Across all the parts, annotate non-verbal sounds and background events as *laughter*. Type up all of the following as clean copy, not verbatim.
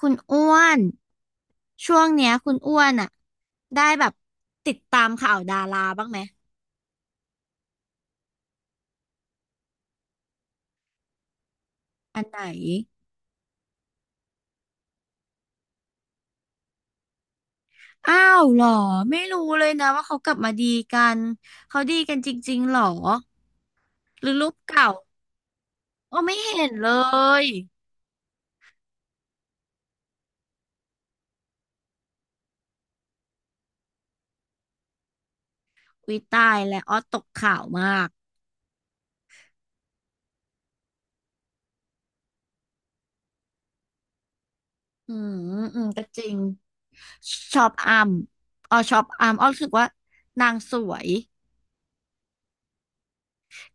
คุณอ้วนช่วงเนี้ยคุณอ้วนอะได้แบบติดตามข่าวดาราบ้างไหมอันไหนอ้าวเหรอไม่รู้เลยนะว่าเขากลับมาดีกันเขาดีกันจริงๆหรอหรือรูปเก่าอกอไม่เห็นเลยวิตายแล้วอ้อตกข่าวมากอืมอืมก็จริงชอบอัมอ้อชอบอัมอ้อรู้สึกว่านางสวย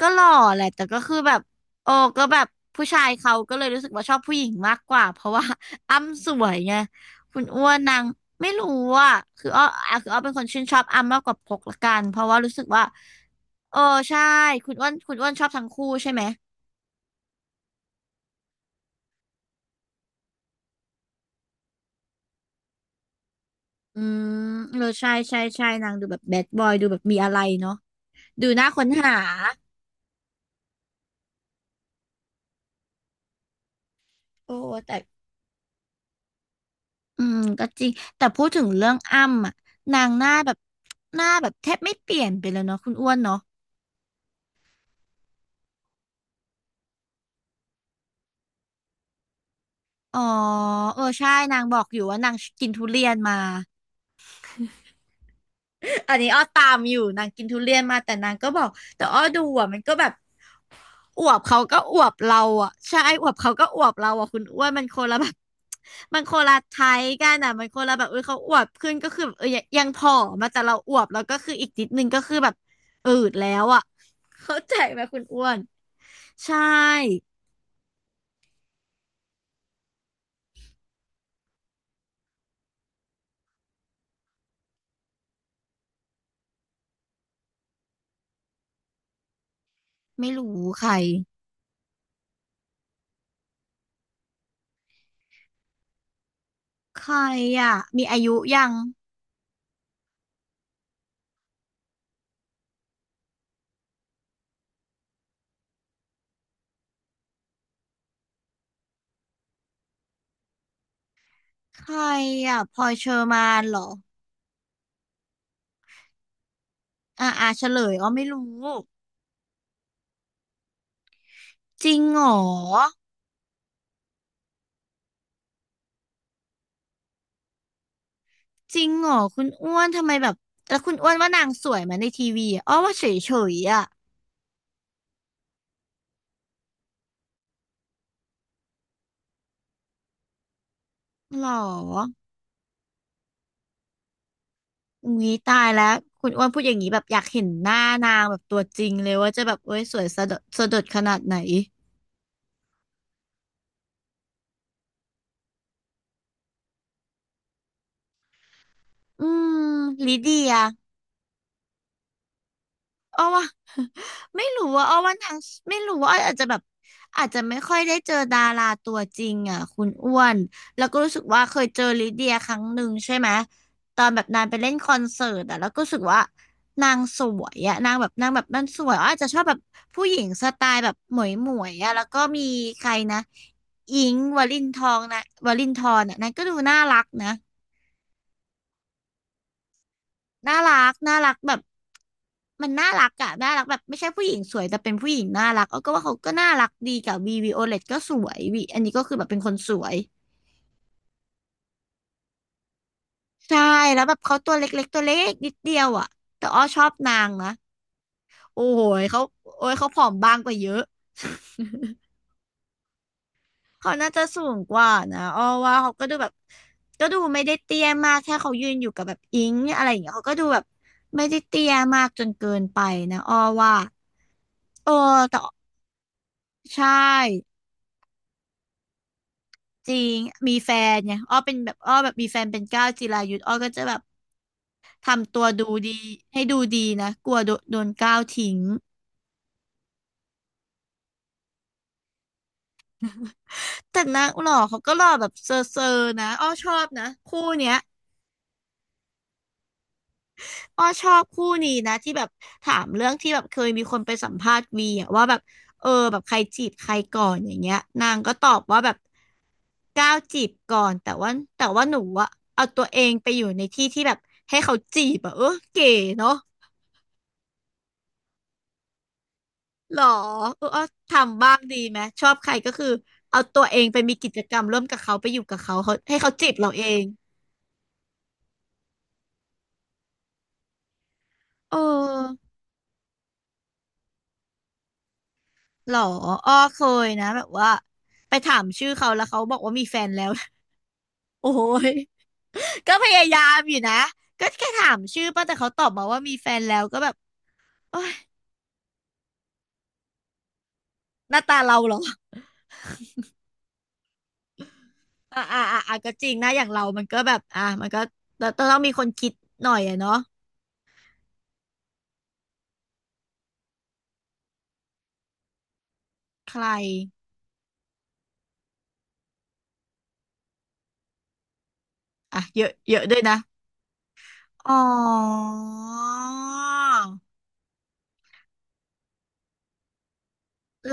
ก็หล่อแหละแต่ก็คือแบบโอ้ก็แบบผู้ชายเขาก็เลยรู้สึกว่าชอบผู้หญิงมากกว่าเพราะว่า *laughs* อ้ำสวยไงคุณอ้วนนางไม่รู้อ่ะคืออ้ออ่ะคืออ้อเป็นคนชื่นชอบอ้ำมากกว่าพกละกันเพราะว่ารู้สึกว่าโอ้ใช่คุณอ้วนชอบทั้งคู่ใช่ไหมอืมเออใช่ใช่ใช่นางดูแบบแบดบอยดูแบบมีอะไรเนาะดูน่าค้นหาโอ้แต่อืมก็จริงแต่พูดถึงเรื่องอ้ำอ่ะนางหน้าแบบแทบไม่เปลี่ยนไปเลยเนาะคุณอ้วนเนาะ อ๋อเออใช่นางบอกอยู่ว่านางกินทุเรียนมา *laughs* อันนี้อ้อตามอยู่นางกินทุเรียนมาแต่นางก็บอกแต่อ้อดูอ่ะมันก็แบบอวบเขาก็อวบเราอ่ะใช่อวบเขาก็อวบเราอ่ะคุณอ้วนมันคนละแบบ *laughs* มันคนละไทยกันอ่ะมันคนละแบบเออเขาอวบขึ้นก็คือเออยังผอมมาแต่เราอวบแล้วก็คืออีกนิดนึงก็คือแบบอืดแล้วอ่ะ *laughs* เข้าใจไหมคุณอ้วนใช่ไม่รู้ใครใครอ่ะมีอายุยัง ใครอ่ะพลอยเชอร์มานเหรออ่าอ่าเฉลยอ๋อไม่รู้จริงเหรอจริงเหรอคุณอ้วนทำไมแบบแล้วคุณอ้วนว่านางสวยไหมาในทีวีอะอ้อว่าเฉยเฉยอ่ะหรออุ้ยตายแล้วคุณอ้วนพูดอย่างนี้แบบอยากเห็นหน้านางแบบตัวจริงเลยว่าจะแบบเอ้ยสวยสะดดขนาดไหนอืมลิเดีย อ้อว่า *laughs* ไม่รู้ว่าอ้อว่าทางไม่รู้ว่าอ้ออาจจะแบบอาจจะไม่ค่อยได้เจอดาราตัวจริงอ่ะคุณอ้วนแล้วก็รู้สึกว่าเคยเจอลิเดียครั้งหนึ่งใช่ไหมตอนแบบนางไปเล่นคอนเสิร์ตอ่ะแล้วก็รู้สึกว่านางสวยอ่ะนางแบบมันสวยอ้ออาจจะชอบแบบผู้หญิงสไตล์แบบหมวยหมวยอ่ะแล้วก็มีใครนะอิงค์วลินทองนะวลินทรนอ่ะนางก็ดูน่ารักนะ น่ารักน่ารักแบบมันน่ารักอะน่ารักแบบไม่ใช่ผู้หญิงสวยแต่เป็นผู้หญิงน่ารักเออก็ว่าเขาก็น่ารักดีกับวีโอเลตก็สวยวีอันนี้ก็คือแบบเป็นคนสวยใช่แล้วแบบเขาตัวเล็กๆตัวเล็กนิดเดียวอะแต่อ้อชอบนางนะโอ้โหยเขาโอ้ยเขาผอมบางกว่าเยอะ *laughs* เขาน่าจะสูงกว่านะอ้อว่าเขาก็ดูแบบก็ดูไม่ได้เตี้ยมากแค่เขายืนอยู่กับแบบอิงอะไรอย่างเงี้ยเขาก็ดูแบบไม่ได้เตี้ยมากจนเกินไปนะอ้อว่าเออแต่ ใช่จริงมีแฟนไงอ้อเป็นแบบอ้อแบบมีแฟนเป็นก้าวจิรายุทธอ้อก็จะแบบทำตัวดูดีให้ดูดีนะกลัวโดนก้าวทิ้งแต่นางหล่อเขาก็หล่อแบบเซอร์นะอ้อชอบนะคู่เนี้ยอ้อชอบคู่นี้นะที่แบบถามเรื่องที่แบบเคยมีคนไปสัมภาษณ์วีอะว่าแบบเออแบบใครจีบใครก่อนอย่างเงี้ยนางก็ตอบว่าแบบก้าวจีบก่อนแต่ว่าหนูอะเอาตัวเองไปอยู่ในที่ที่แบบให้เขาจีบอะเออเก๋เนาะ หรอเอออ้อทำบ้างดีไหมชอบใครก็คือเอาตัวเองไปมีกิจกรรมร่วมกับเขาไปอยู่กับเขาเขาให้เขาจีบเราเองเออหรออ้อเคยนะแบบว่าไปถามชื่อเขาแล้วเขาบอกว่ามีแฟนแล้ว *laughs* โอ้ย *laughs* ก็พยายามอยู่นะก็แค่ถามชื่อป่ะแต่เขาตอบมาว่ามีแฟนแล้วก็แบบโอ้ยหน้าตาเราเหรออ่าอ่าอ่าอ่ะก็จริงนะอย่างเรามันก็แบบอ่ะมันก็ต้องมีคนคิดหน่อยอะเนาะใครอ่ะเยอะเยอะด้วยนะ อ๋อ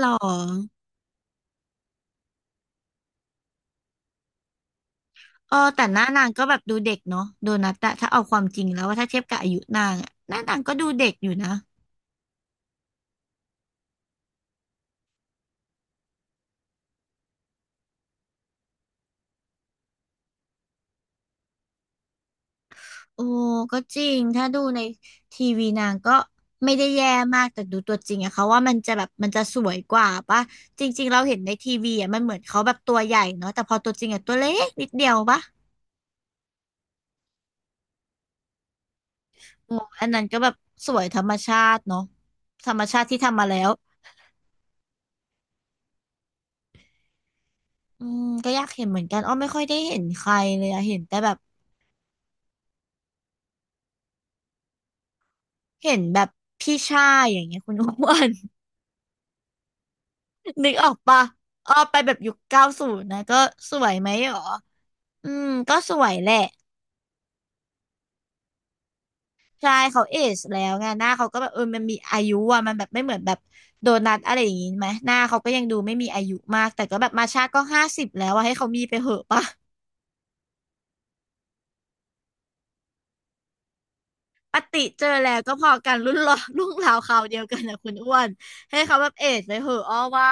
หรอเออแต่หน้านางก็แบบดูเด็กเนาะโดนัทอะถ้าเอาความจริงแล้วว่าถ้าเทียบกับอายุนางอะหน้านางก็ดูเด็กอยู่นะโอ้ก็จริงถ้าดูในทีวีนางก็ไม่ได้แย่มากแต่ดูตัวจริงอะเขาว่ามันจะแบบมันจะสวยกว่าปะจริงๆเราเห็นในทีวีอะมันเหมือนเขาแบบตัวใหญ่เนาะแต่พอตัวจริงอะตัวเล็กนิดเดียวปะงออันนั้นก็แบบสวยธรรมชาติเนาะธรรมชาติที่ทำมาแล้ว อืมก็อยากเห็นเหมือนกันอ้อไม่ค่อยได้เห็นใครเลยอะเห็นแต่แบบเห็นแบบพี่ชายอย่างเงี้ยคุณอ้วน *laughs* นึกออกปะอ้อไปแบบยุคเก้าศูนย์นะก็สวยไหมหรออืมก็สวยแหละใช่เขาเอจแล้วไงหน้าเขาก็แบบเออมันมีอายุอะมันแบบไม่เหมือนแบบโดนัทอะไรอย่างงี้ไหมหน้าเขาก็ยังดูไม่มีอายุมากแต่ก็แบบมาชาก็ห้าสิบแล้วอะให้เขามีไปเหอะปะปฏิเจอแล้วก็พอกันรุ่นรอ *laughs* รุ่นราวคราวเดียวกันนะคุณอ้วนให้เขาแบบเอจไปเหอะอ้อว่า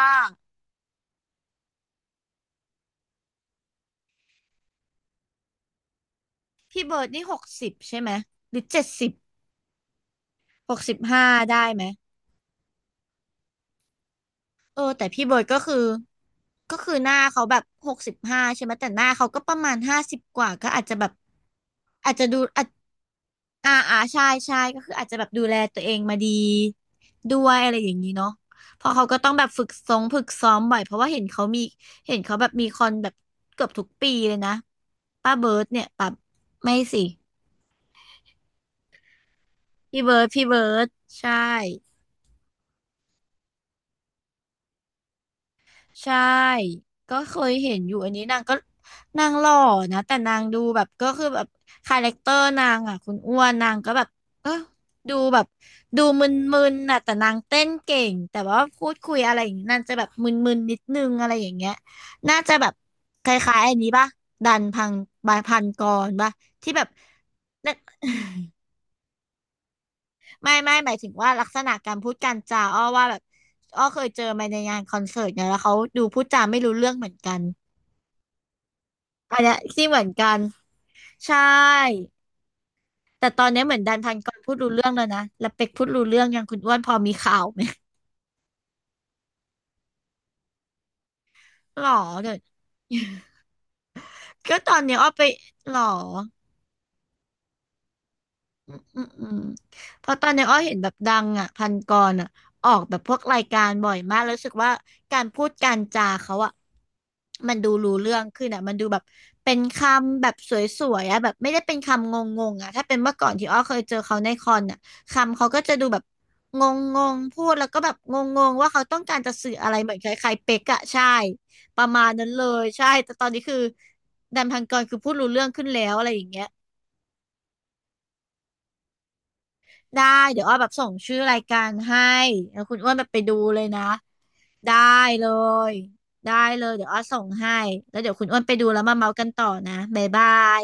พี่เบิร์ดนี่หกสิบใช่ไหมหรือเจ็ดสิบหกสิบห้าได้ไหมเออแต่พี่เบิร์ดก็คือหน้าเขาแบบหกสิบห้าใช่ไหมแต่หน้าเขาก็ประมาณห้าสิบกว่าก็อาจจะแบบอาจจะดูอาอ่าอ่าใช่ใช่ก็คืออาจจะแบบดูแลตัวเองมาดีด้วยอะไรอย่างนี้เนาะเพราะเขาก็ต้องแบบฝึกซ้อมบ่อยเพราะว่าเห็นเขามีเห็นเขาแบบมีคอนแบบเกือบทุกปีเลยนะป้าเบิร์ดเนี่ยป้าไม่สิพี่เบิร์ดพี่เบิร์ดใช่ ใช่ ก็เคยเห็นอยู่อันนี้นางก็นางหล่อนะแต่นางดูแบบก็คือแบบคาแรคเตอร์นางอ่ะคุณอ้วนนางก็แบบเออดูแบบดูมึนๆน่ะแต่นางเต้นเก่งแต่ว่าพูดคุยอะไรอย่างนี้นางจะแบบมึนๆนิดนึงอะไรอย่างเงี้ยน่าจะแบบคล้ายๆอันนี้ป่ะดันพังบายพันกรป่ะที่แบบ *laughs* นั่น ไม่หมายถึงว่าลักษณะการพูดการจาอ้อว่าแบบอ้อเคยเจอมาในงานคอนเสิร์ตเนี่ยแล้วเขาดูพูดจาไม่รู้เรื่องเหมือนกันอันเนี้ยที่เหมือนกันใช่แต่ตอนเนี้ยเหมือนดันพันกรพูดรู้เรื่องแล้วนะแล้วเป็กพูดรู้เรื่องยังคุณอ้วนพอมีข่าวไหมหรอเดี๋ยว *laughs* ก็ตอนเนี้ยอ้อไปหรอ อืมเพราะตอนนี้อ้อเห็นแบบดังอ่ะพันกรอ่ะออกแบบพวกรายการบ่อยมากแล้วรู้สึกว่าการพูดการจาเขาอ่ะมันดูรู้เรื่องขึ้นอ่ะมันดูแบบเป็นคำแบบสวยๆอ่ะแบบไม่ได้เป็นคำงงๆอ่ะถ้าเป็นเมื่อก่อนที่อ้อเคยเจอเขาในคอนอ่ะคำเขาก็จะดูแบบงงๆพูดแล้วก็แบบงงๆว่าเขาต้องการจะสื่ออะไรเหมือนคล้ายๆเป๊กอ่ะใช่ประมาณนั้นเลยใช่แต่ตอนนี้คือแดันพันกรคือพูดรู้เรื่องขึ้นแล้วอะไรอย่างเงี้ย ได้เดี๋ยวอ้อแบบส่งชื่อรายการให้แล้วคุณอ้วนแบบไปดูเลยนะได้เลยได้เลยเดี๋ยวอ้อส่งให้แล้วเดี๋ยวคุณอ้วนไปดูแล้วมาเมาส์กันต่อนะบ๊ายบาย